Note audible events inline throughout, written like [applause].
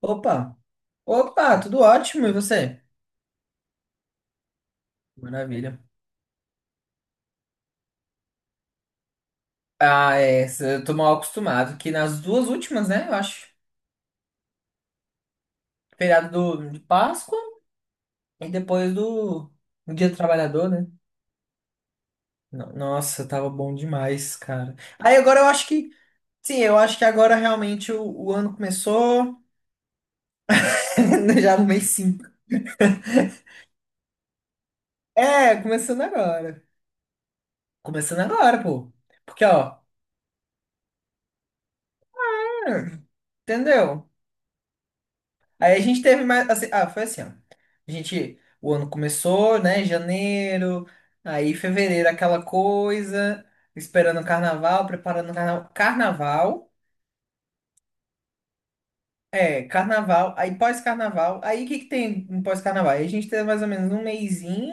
Opa! Opa, tudo ótimo, e você? Maravilha. Ah, é, eu tô mal acostumado, que nas duas últimas, né, eu acho. Feriado de Páscoa e depois do Dia do Trabalhador, né? Nossa, tava bom demais, cara. Aí agora sim, eu acho que agora realmente o ano começou, [laughs] já no mês 5. É, começando agora. Começando agora, pô. Porque, ó, hum, entendeu? Aí a gente teve mais, assim, ah, foi assim, ó. A gente. O ano começou, né? Janeiro, aí fevereiro, aquela coisa, esperando o carnaval, preparando o carnaval. Carnaval, é, carnaval, aí pós-carnaval. Aí o que que tem no pós-carnaval? Aí a gente teve mais ou menos um mesinho,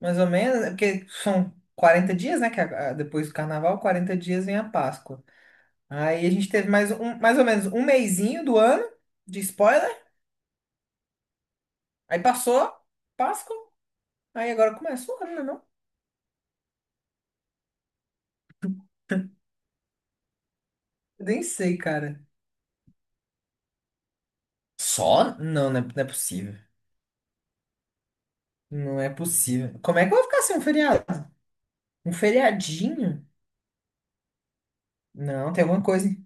mais ou menos, é porque são 40 dias, né? Que depois do carnaval, 40 dias vem a Páscoa. Aí a gente teve mais, um, mais ou menos um mesinho do ano, de spoiler. Aí passou, Páscoa. Aí agora começa o ano, né? Eu nem sei, cara. Só? Não, não é, não é possível. Não é possível. Como é que eu vou ficar sem um feriado? Um feriadinho? Não, tem alguma coisa, hein?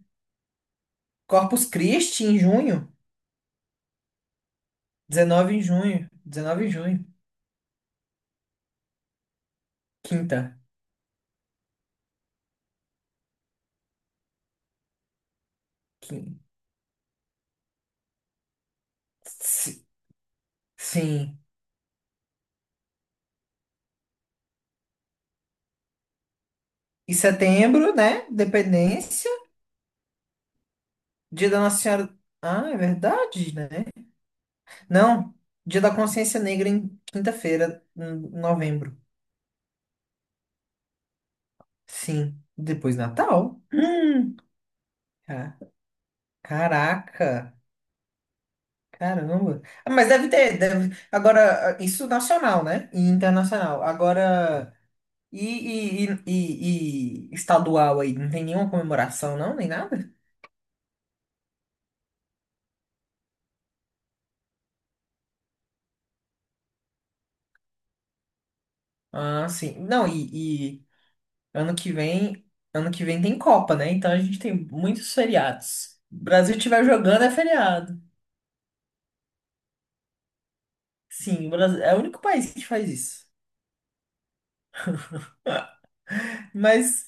Corpus Christi em junho? 19 em junho. 19 de junho. Quinta. Quin- si- Sim. E setembro, né? Dependência. Dia da Nossa Senhora. Ah, é verdade, né? Não. Dia da Consciência Negra em quinta-feira, em novembro. Sim. Depois Natal. Hum. Ca- Caraca. Caramba. Ah, mas deve ter, deve, agora, isso nacional, né? E internacional. Agora, e, estadual aí? Não tem nenhuma comemoração, não? Nem nada? Ah, sim. Não, e ano que vem, ano que vem tem Copa, né? Então a gente tem muitos feriados. O Brasil estiver jogando é feriado. Sim, o Brasil é o único país que faz isso. Mas,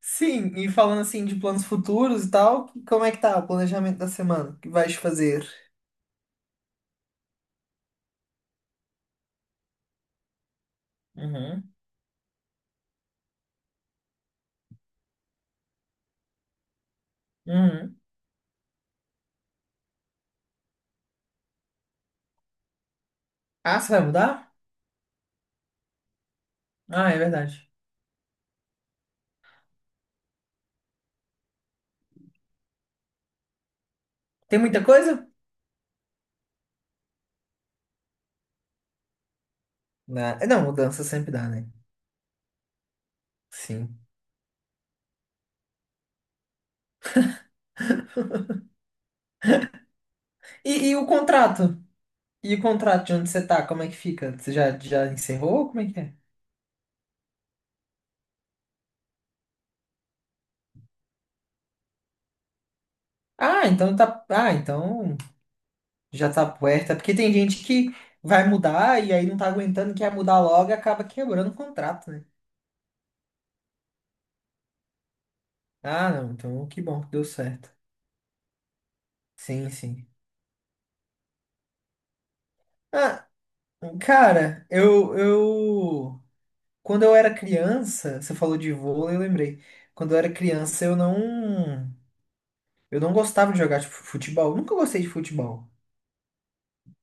sim, e falando assim de planos futuros e tal, como é que tá o planejamento da semana? O que vais fazer? Uhum. Uhum. Ah, você vai mudar? Ah, é verdade. Tem muita coisa? Não, mudança sempre dá, né? Sim. E o contrato? E o contrato de onde você tá? Como é que fica? Você já encerrou? Como é que é? Ah, então tá. Ah, então já tá puerta. Porque tem gente que vai mudar e aí não tá aguentando, quer mudar logo e acaba quebrando o contrato, né? Ah, não. Então que bom que deu certo. Sim, sim. Ah, cara, eu, eu. Quando eu era criança, você falou de vôlei, eu lembrei. Quando eu era criança, eu não gostava de jogar tipo, futebol. Nunca gostei de futebol.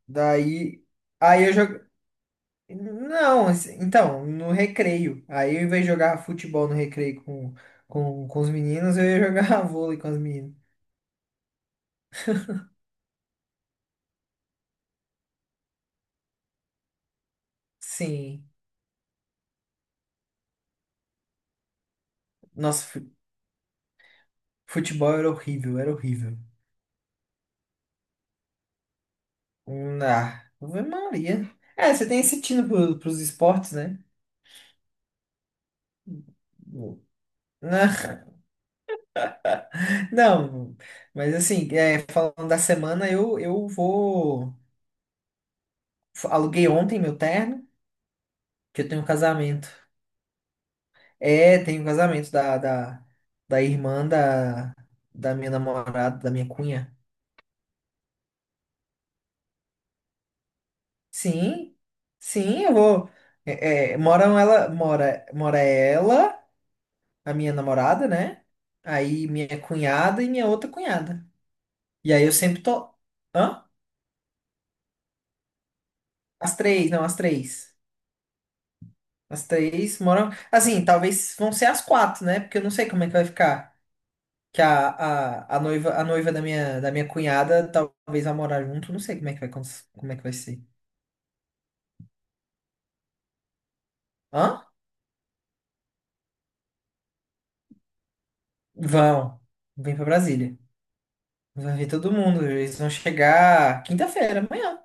Daí, aí eu jogo. Não, assim, então, no recreio. Aí, ao invés de jogar futebol no recreio com os meninos, eu ia jogar [laughs] vôlei com as meninas. Sim. Nossa, futebol era horrível, era horrível. Ah, Ave Maria. É, você tem esse tino pros esportes, né? Não. [laughs] Não, mas assim, é, falando da semana, eu vou. Aluguei ontem meu terno, que eu tenho um casamento. É, tenho um casamento da irmã da minha namorada, da minha cunha. Sim, sim, eu vou. É, mora ela, a minha namorada, né? Aí minha cunhada e minha outra cunhada. E aí eu sempre tô. Hã? As três, não, as três. As três moram. Assim, talvez vão ser as quatro, né? Porque eu não sei como é que vai ficar. Que a noiva, a noiva, da minha cunhada talvez vá morar junto. Não sei como é que vai, como é que vai ser. Hã? Vão. Vem pra Brasília. Vai ver todo mundo. Eles vão chegar quinta-feira, amanhã.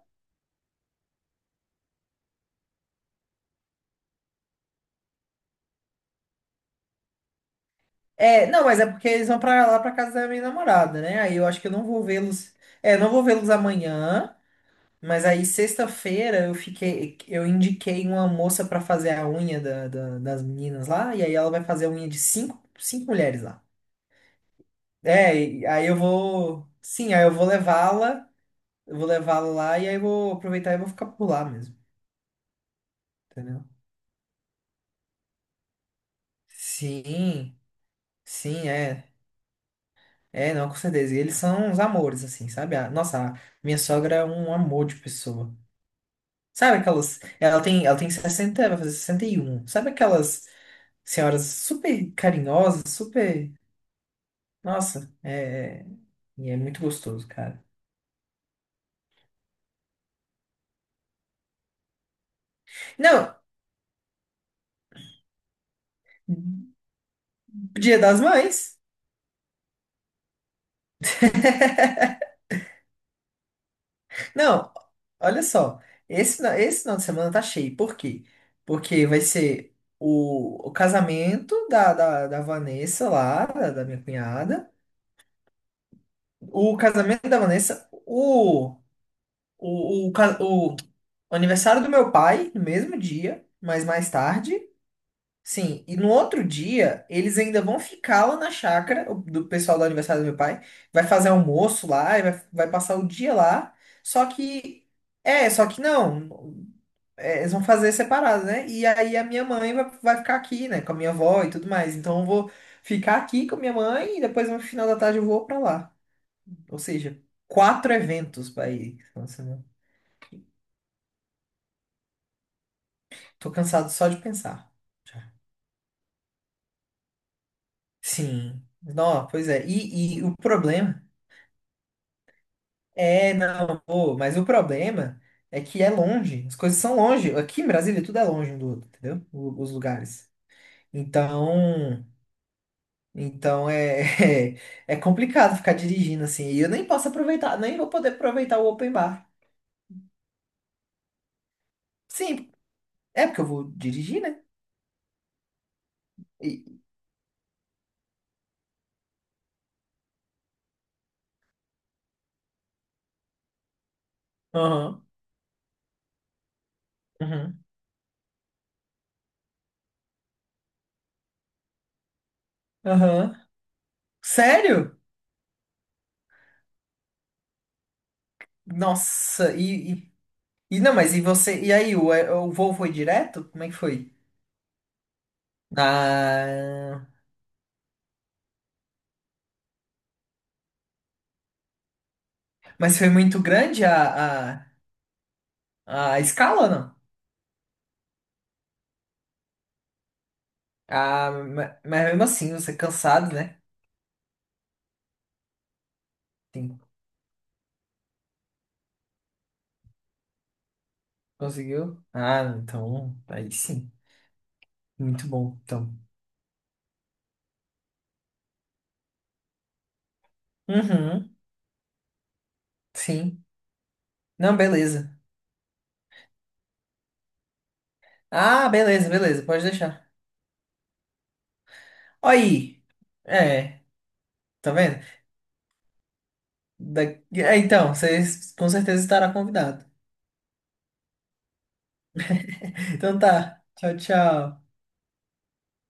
É, não, mas é porque eles vão pra lá pra casa da minha namorada, né? Aí eu acho que eu não vou vê-los. É, não vou vê-los amanhã. Mas aí, sexta-feira, eu indiquei uma moça pra fazer a unha das meninas lá, e aí ela vai fazer a unha de cinco mulheres lá. É, e aí eu vou. Sim, aí eu vou levá-la lá, e aí eu vou aproveitar e vou ficar por lá mesmo, entendeu? Sim, sim, é. É, não, com certeza. E eles são uns amores, assim, sabe? Nossa, a minha sogra é um amor de pessoa. Sabe aquelas. Ela tem sessenta, vai fazer sessenta e um. Sabe aquelas senhoras super carinhosas, super. Nossa, é, e é muito gostoso, cara. Não, Dia das Mães. Não, olha só. Esse final de semana tá cheio. Por quê? Porque vai ser o casamento da Vanessa lá, da minha cunhada. O casamento da Vanessa, o aniversário do meu pai, no mesmo dia, mas mais tarde. Sim, e no outro dia, eles ainda vão ficar lá na chácara, o do pessoal do aniversário do meu pai, vai fazer almoço lá, e vai passar o dia lá, só que, é, só que não, é, eles vão fazer separado, né? E aí a minha mãe vai ficar aqui, né, com a minha avó e tudo mais, então eu vou ficar aqui com a minha mãe e depois no final da tarde eu vou pra lá. Ou seja, quatro eventos pra ir. Nossa, meu. Tô cansado só de pensar. Já. Sim, não, pois é, e o problema. É, não, pô, mas o problema é que é longe, as coisas são longe. Aqui em Brasília tudo é longe um do outro, entendeu? Os lugares. Então, então é, [laughs] é complicado ficar dirigindo assim. E eu nem posso aproveitar, nem vou poder aproveitar o open bar. Sim, é porque eu vou dirigir, né? E- Aham, uhum, aham. Sério? Nossa, e não, mas e você? E aí, o voo foi direto? Como é que foi? Ah, mas foi muito grande a escala, não. Ah, mas mesmo assim, você é cansado, né? Sim. Conseguiu? Ah, então, aí sim. Muito bom, então. Uhum, sim. Não, beleza. Ah, beleza, beleza, pode deixar. Aí. É, tá vendo? Da- é, então, vocês com certeza estará convidado. [laughs] Então tá. Tchau, tchau.